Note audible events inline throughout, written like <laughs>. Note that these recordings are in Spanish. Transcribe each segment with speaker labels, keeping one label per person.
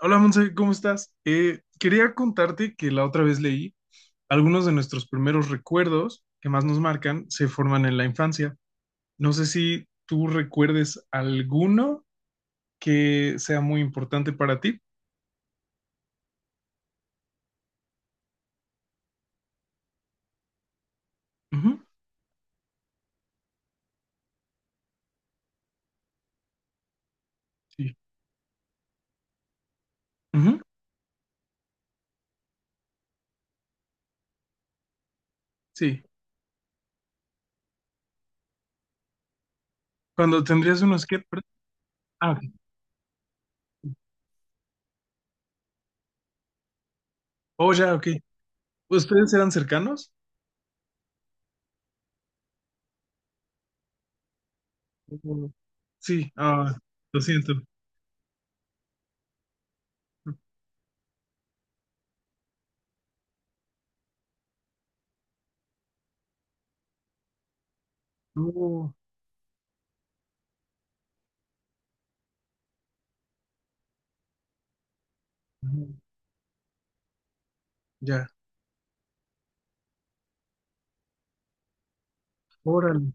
Speaker 1: Hola Monse, ¿cómo estás? Quería contarte que la otra vez leí algunos de nuestros primeros recuerdos que más nos marcan se forman en la infancia. No sé si tú recuerdes alguno que sea muy importante para ti. Ujú. Sí, ujú. Sí. Cuando tendrías unos que... perdón. Ah, ok. Oh, ya, ok. ¿Ustedes eran cercanos? Ujú. Sí. Ah, lo siento. Oh, ujú, ya. Órale.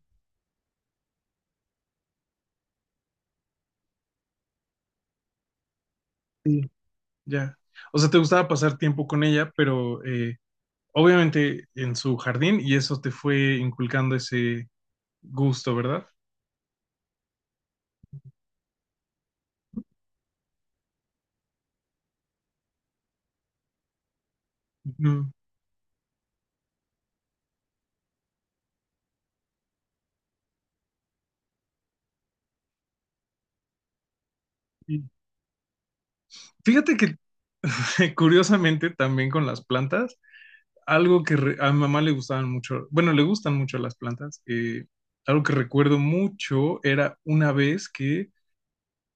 Speaker 1: Sí, ya. O sea, te gustaba pasar tiempo con ella, pero obviamente en su jardín y eso te fue inculcando ese gusto, ¿verdad? Ujú. Y fíjate que <laughs> curiosamente también con las plantas, a mi mamá le gustaban mucho, bueno, le gustan mucho las plantas, algo que recuerdo mucho era una vez que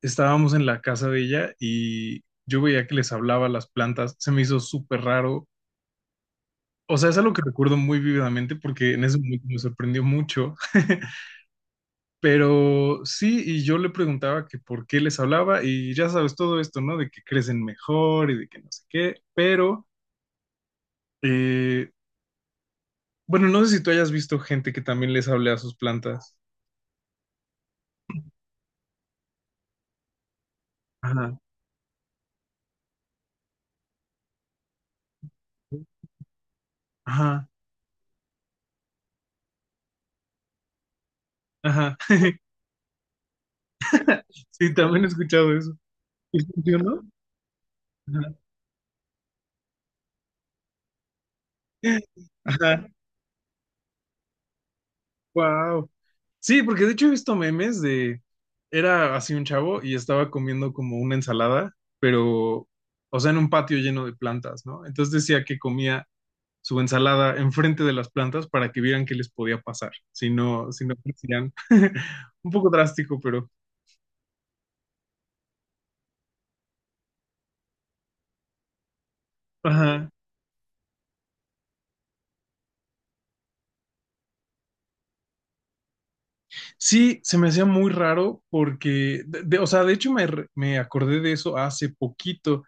Speaker 1: estábamos en la casa de ella y yo veía que les hablaba a las plantas, se me hizo súper raro. O sea, es algo que recuerdo muy vívidamente porque en ese momento me sorprendió mucho. <laughs> Pero sí, y yo le preguntaba que por qué les hablaba y ya sabes todo esto, ¿no? De que crecen mejor y de que no sé qué, pero, eh, bueno, no sé si tú hayas visto gente que también les hable a sus plantas. Ajá, ajá, ajá. <laughs> Sí, también he escuchado eso. ¿Y funcionó? Ajá. Ajá. Wow. Sí, porque de hecho he visto memes de, era así un chavo y estaba comiendo como una ensalada, pero, o sea, en un patio lleno de plantas, ¿no? Entonces decía que comía su ensalada enfrente de las plantas para que vieran qué les podía pasar, si no crecían. <laughs> Un poco drástico, pero... Ajá. Sí, se me hacía muy raro porque, o sea, de hecho me acordé de eso hace poquito.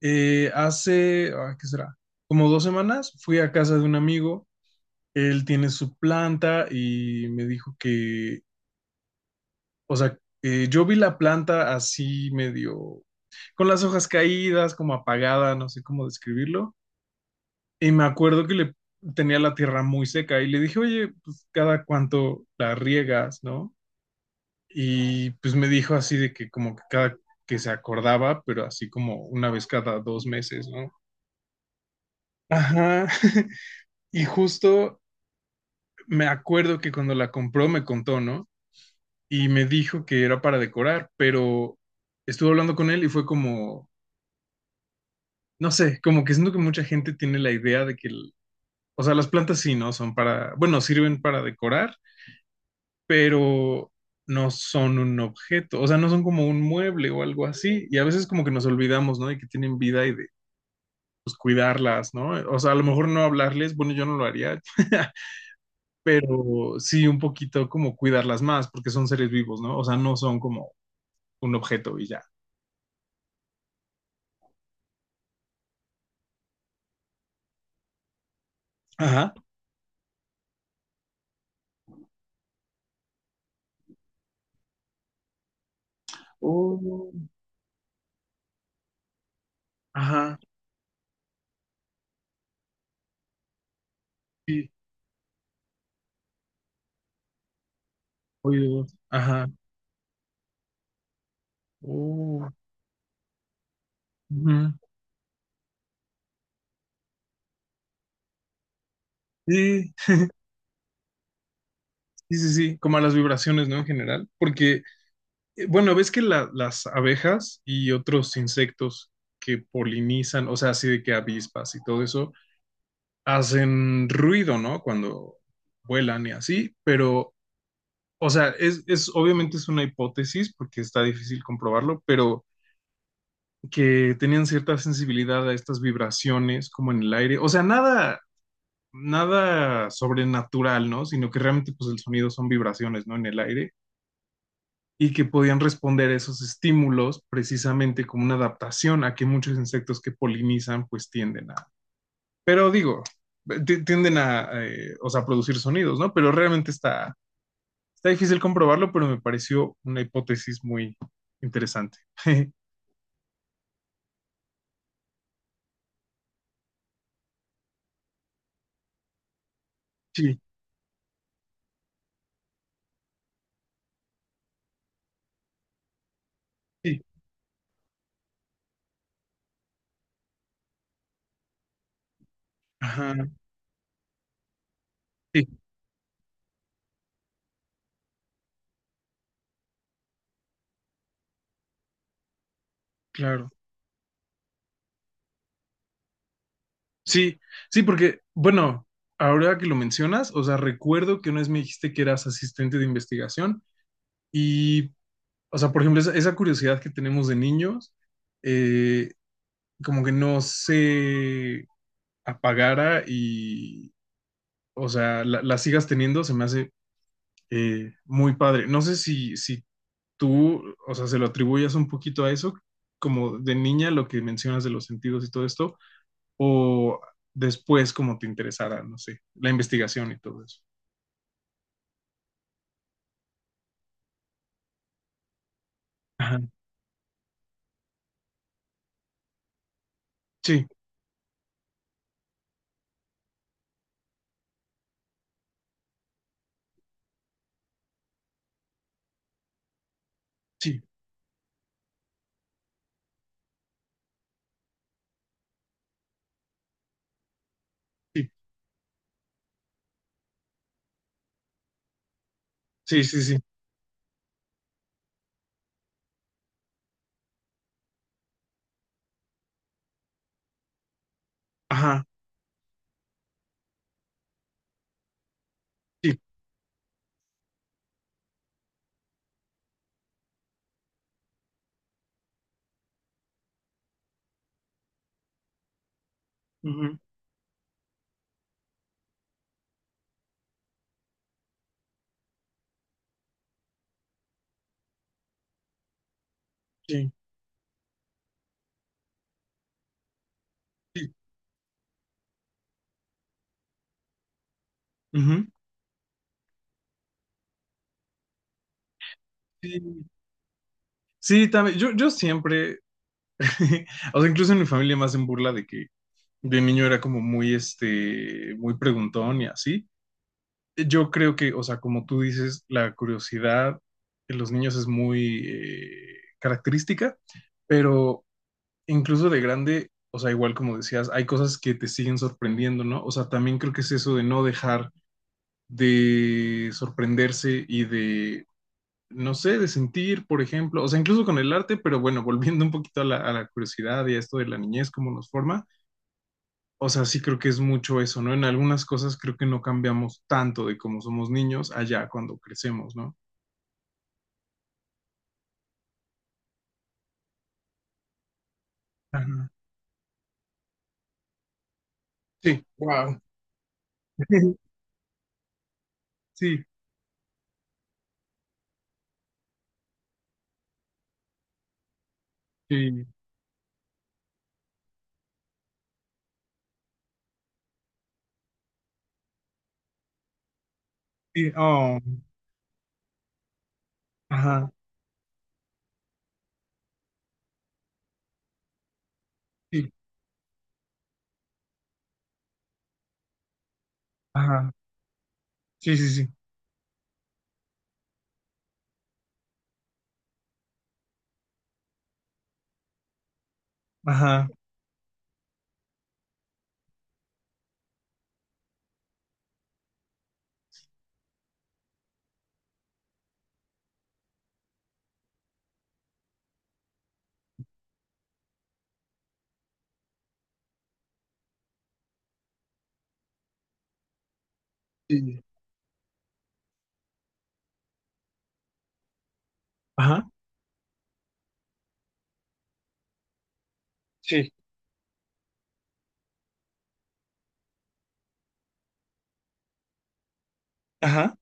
Speaker 1: ¿Qué será? Como dos semanas fui a casa de un amigo, él tiene su planta y me dijo que, o sea, yo vi la planta así medio, con las hojas caídas, como apagada, no sé cómo describirlo. Y me acuerdo que le tenía la tierra muy seca y le dije, oye, pues cada cuánto la riegas, ¿no? Y pues me dijo así de que como que cada que se acordaba, pero así como una vez cada dos meses, ¿no? Ajá. <laughs> Y justo me acuerdo que cuando la compró me contó, ¿no? Y me dijo que era para decorar, pero estuve hablando con él y fue como, no sé, como que siento que mucha gente tiene la idea de que, o sea, las plantas sí, ¿no? Son para, bueno, sirven para decorar, pero no son un objeto, o sea, no son como un mueble o algo así, y a veces como que nos olvidamos, ¿no? De que tienen vida y de pues, cuidarlas, ¿no? O sea, a lo mejor no hablarles, bueno, yo no lo haría, <laughs> pero sí un poquito como cuidarlas más, porque son seres vivos, ¿no? O sea, no son como un objeto y ya. Ajá. Oh, ajá, sí, oídos, ajá, oh, ujú. Sí, sí, sí, sí, como a las vibraciones, ¿no? En general, porque bueno, ves que las abejas y otros insectos que polinizan, o sea, así de que avispas y todo eso, hacen ruido, ¿no? Cuando vuelan y así, pero, o sea, es obviamente es una hipótesis porque está difícil comprobarlo, pero que tenían cierta sensibilidad a estas vibraciones como en el aire, o sea, nada sobrenatural, ¿no? Sino que realmente pues el sonido son vibraciones, ¿no? En el aire y que podían responder a esos estímulos precisamente como una adaptación a que muchos insectos que polinizan pues tienden a, pero digo, o sea, producir sonidos, ¿no? Pero realmente está difícil comprobarlo, pero me pareció una hipótesis muy interesante. <laughs> Sí, sí, ajá, sí, claro. Sí, sí, porque, bueno, ahora que lo mencionas, o sea, recuerdo que una vez me dijiste que eras asistente de investigación y o sea, por ejemplo, esa curiosidad que tenemos de niños, eh, como que no se apagara y, o sea, la sigas teniendo, se me hace muy padre. No sé si tú, o sea, se lo atribuyas un poquito a eso, como de niña, lo que mencionas de los sentidos y todo esto, o después como te interesara, no sé, la investigación y todo eso. Ajá. Sí, sí, sí, sí, sí, sí. Ajá, sí, ujú. Sí, sí, ujú, sí. Sí, también, yo siempre, <laughs> o sea, incluso en mi familia más hacen burla de que de niño era como muy, este, muy preguntón y así. Yo creo que, o sea, como tú dices, la curiosidad en los niños es muy característica, pero incluso de grande, o sea, igual como decías, hay cosas que te siguen sorprendiendo, ¿no? O sea, también creo que es eso de no dejar de sorprenderse y de no sé, de sentir, por ejemplo, o sea, incluso con el arte, pero bueno, <laughs> volviendo un poquito a a la curiosidad y a esto de la niñez, cómo nos forma, o sea, sí creo que es mucho eso, ¿no? En algunas cosas creo que no cambiamos tanto de cómo somos niños allá cuando crecemos, ¿no? Ajá. Sí, wow. <laughs> Sí, sí, sí, oh, ajá, sí, ajá, sí, sí, sí, ajá, sí, ajá, sí, ajá,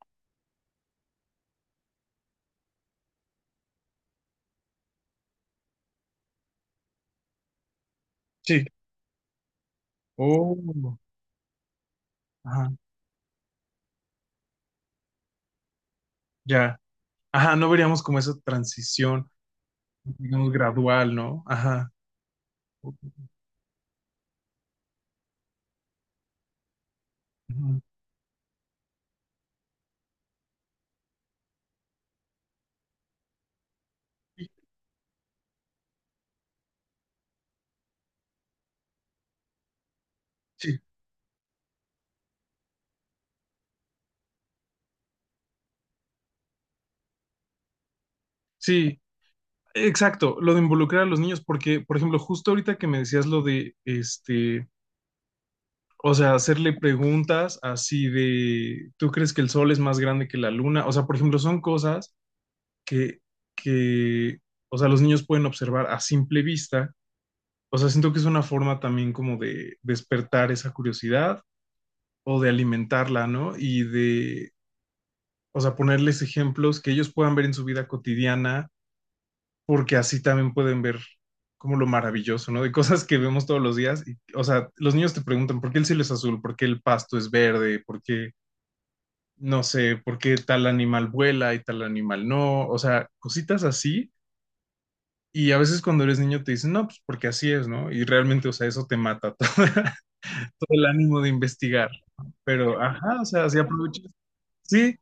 Speaker 1: sí, oh, ajá, ya, ajá, no veríamos como esa transición, digamos, gradual, ¿no? Ajá. Ujú. Sí, sí, exacto, lo de involucrar a los niños, porque, por ejemplo, justo ahorita que me decías lo de, este, o sea, hacerle preguntas así de, ¿tú crees que el sol es más grande que la luna? O sea, por ejemplo, son cosas que, que, o sea, los niños pueden observar a simple vista. O sea, siento que es una forma también como de despertar esa curiosidad o de alimentarla, ¿no? Y de, o sea, ponerles ejemplos que ellos puedan ver en su vida cotidiana porque así también pueden ver como lo maravilloso, ¿no? De cosas que vemos todos los días. Y, o sea, los niños te preguntan por qué el cielo es azul, por qué el pasto es verde, por qué, no sé, por qué tal animal vuela y tal animal no. O sea, cositas así. Y a veces cuando eres niño te dicen, no, pues porque así es, ¿no? Y realmente, o sea, eso te mata <laughs> todo, el ánimo de investigar. Pero, ajá, o sea, así aprovechas. Sí,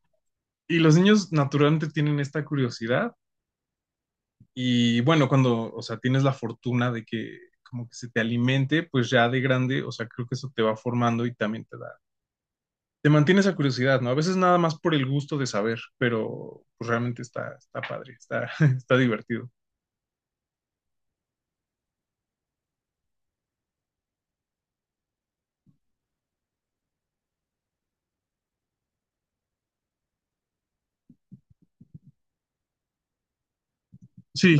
Speaker 1: y los niños naturalmente tienen esta curiosidad. Y bueno, cuando, o sea, tienes la fortuna de que como que se te alimente, pues ya de grande, o sea, creo que eso te va formando y también te da, te mantiene esa curiosidad, ¿no? A veces nada más por el gusto de saber, pero pues realmente está padre, está, <laughs> está divertido. Sí,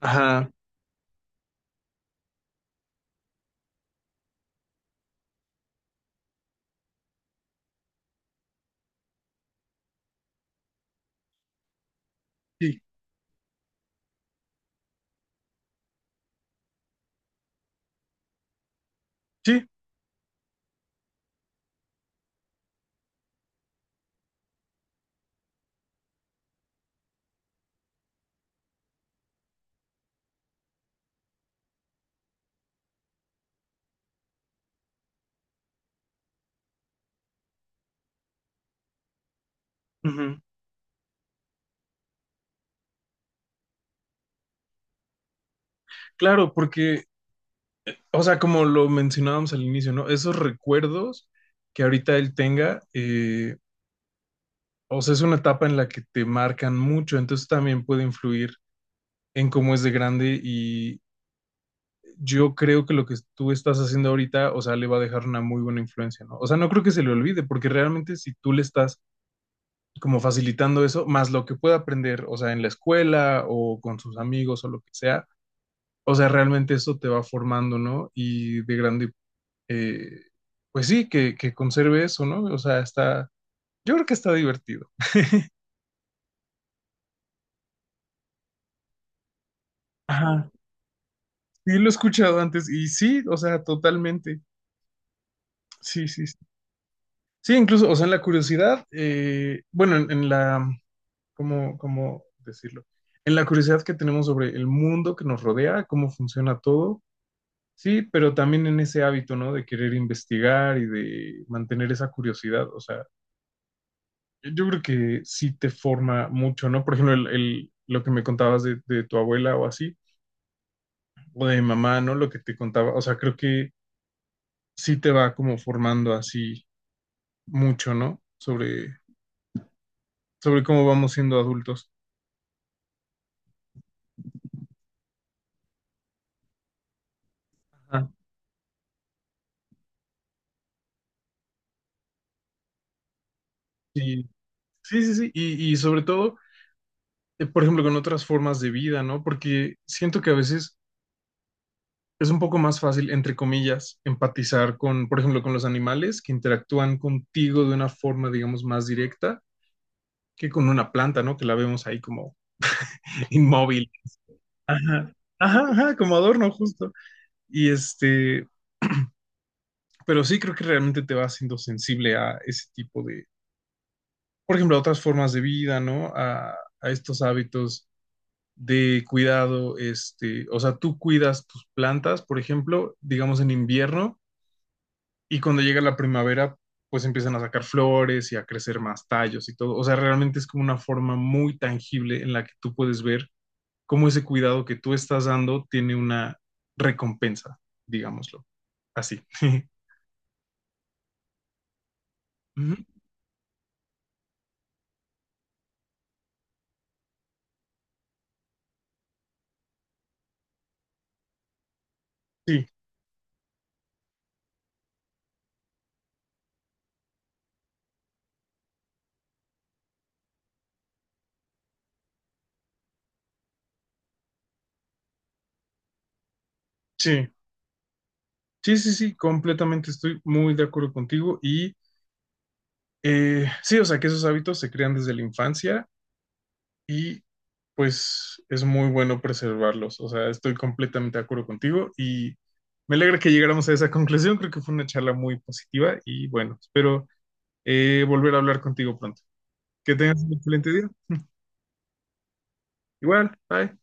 Speaker 1: ajá, sí, sí, ujú, claro, porque, o sea, como lo mencionábamos al inicio, ¿no? Esos recuerdos que ahorita él tenga, o sea, es una etapa en la que te marcan mucho, entonces también puede influir en cómo es de grande. Yo creo que lo que tú estás haciendo ahorita, o sea, le va a dejar una muy buena influencia, ¿no? O sea, no creo que se le olvide, porque realmente si tú le estás como facilitando eso, más lo que pueda aprender, o sea, en la escuela o con sus amigos o lo que sea, o sea, realmente eso te va formando, ¿no? Y de grande, eh, pues sí, que conserve eso, ¿no? O sea, está, yo creo que está divertido. Ajá. Sí, lo he escuchado antes y sí, o sea, totalmente. Sí, sí, sí. Sí, incluso, o sea, en la curiosidad, en la ¿cómo, cómo decirlo? En la curiosidad que tenemos sobre el mundo que nos rodea, cómo funciona todo, sí, pero también en ese hábito, ¿no? De querer investigar y de mantener esa curiosidad. O sea, yo creo que sí te forma mucho, ¿no? Por ejemplo, lo que me contabas de tu abuela o así, o de mi mamá, ¿no? Lo que te contaba, o sea, creo que sí te va como formando así mucho, ¿no? Sobre, sobre cómo vamos siendo adultos. Ajá. Sí, sí, sí, sí. Y sobre todo por ejemplo, con otras formas de vida, ¿no? Porque siento que a veces es un poco más fácil, entre comillas, empatizar con, por ejemplo, con los animales que interactúan contigo de una forma, digamos, más directa que con una planta, ¿no? Que la vemos ahí como <laughs> inmóvil. Ajá, ajá, ajá, como adorno justo. Y este, pero sí creo que realmente te va haciendo sensible a ese tipo de, por ejemplo, a otras formas de vida, ¿no? A estos hábitos de cuidado, este, o sea, tú cuidas tus plantas, por ejemplo, digamos en invierno, y cuando llega la primavera, pues empiezan a sacar flores y a crecer más tallos y todo. O sea, realmente es como una forma muy tangible en la que tú puedes ver cómo ese cuidado que tú estás dando tiene una recompensa, digámoslo. Así. <laughs> Ujú. Sí, sí, sí, sí, sí, completamente estoy muy de acuerdo contigo y sí, o sea, que esos hábitos se crean desde la infancia y pues es muy bueno preservarlos. O sea, estoy completamente de acuerdo contigo y me alegra que llegáramos a esa conclusión. Creo que fue una charla muy positiva y bueno, espero volver a hablar contigo pronto. Que tengas un excelente día. Igual, bye.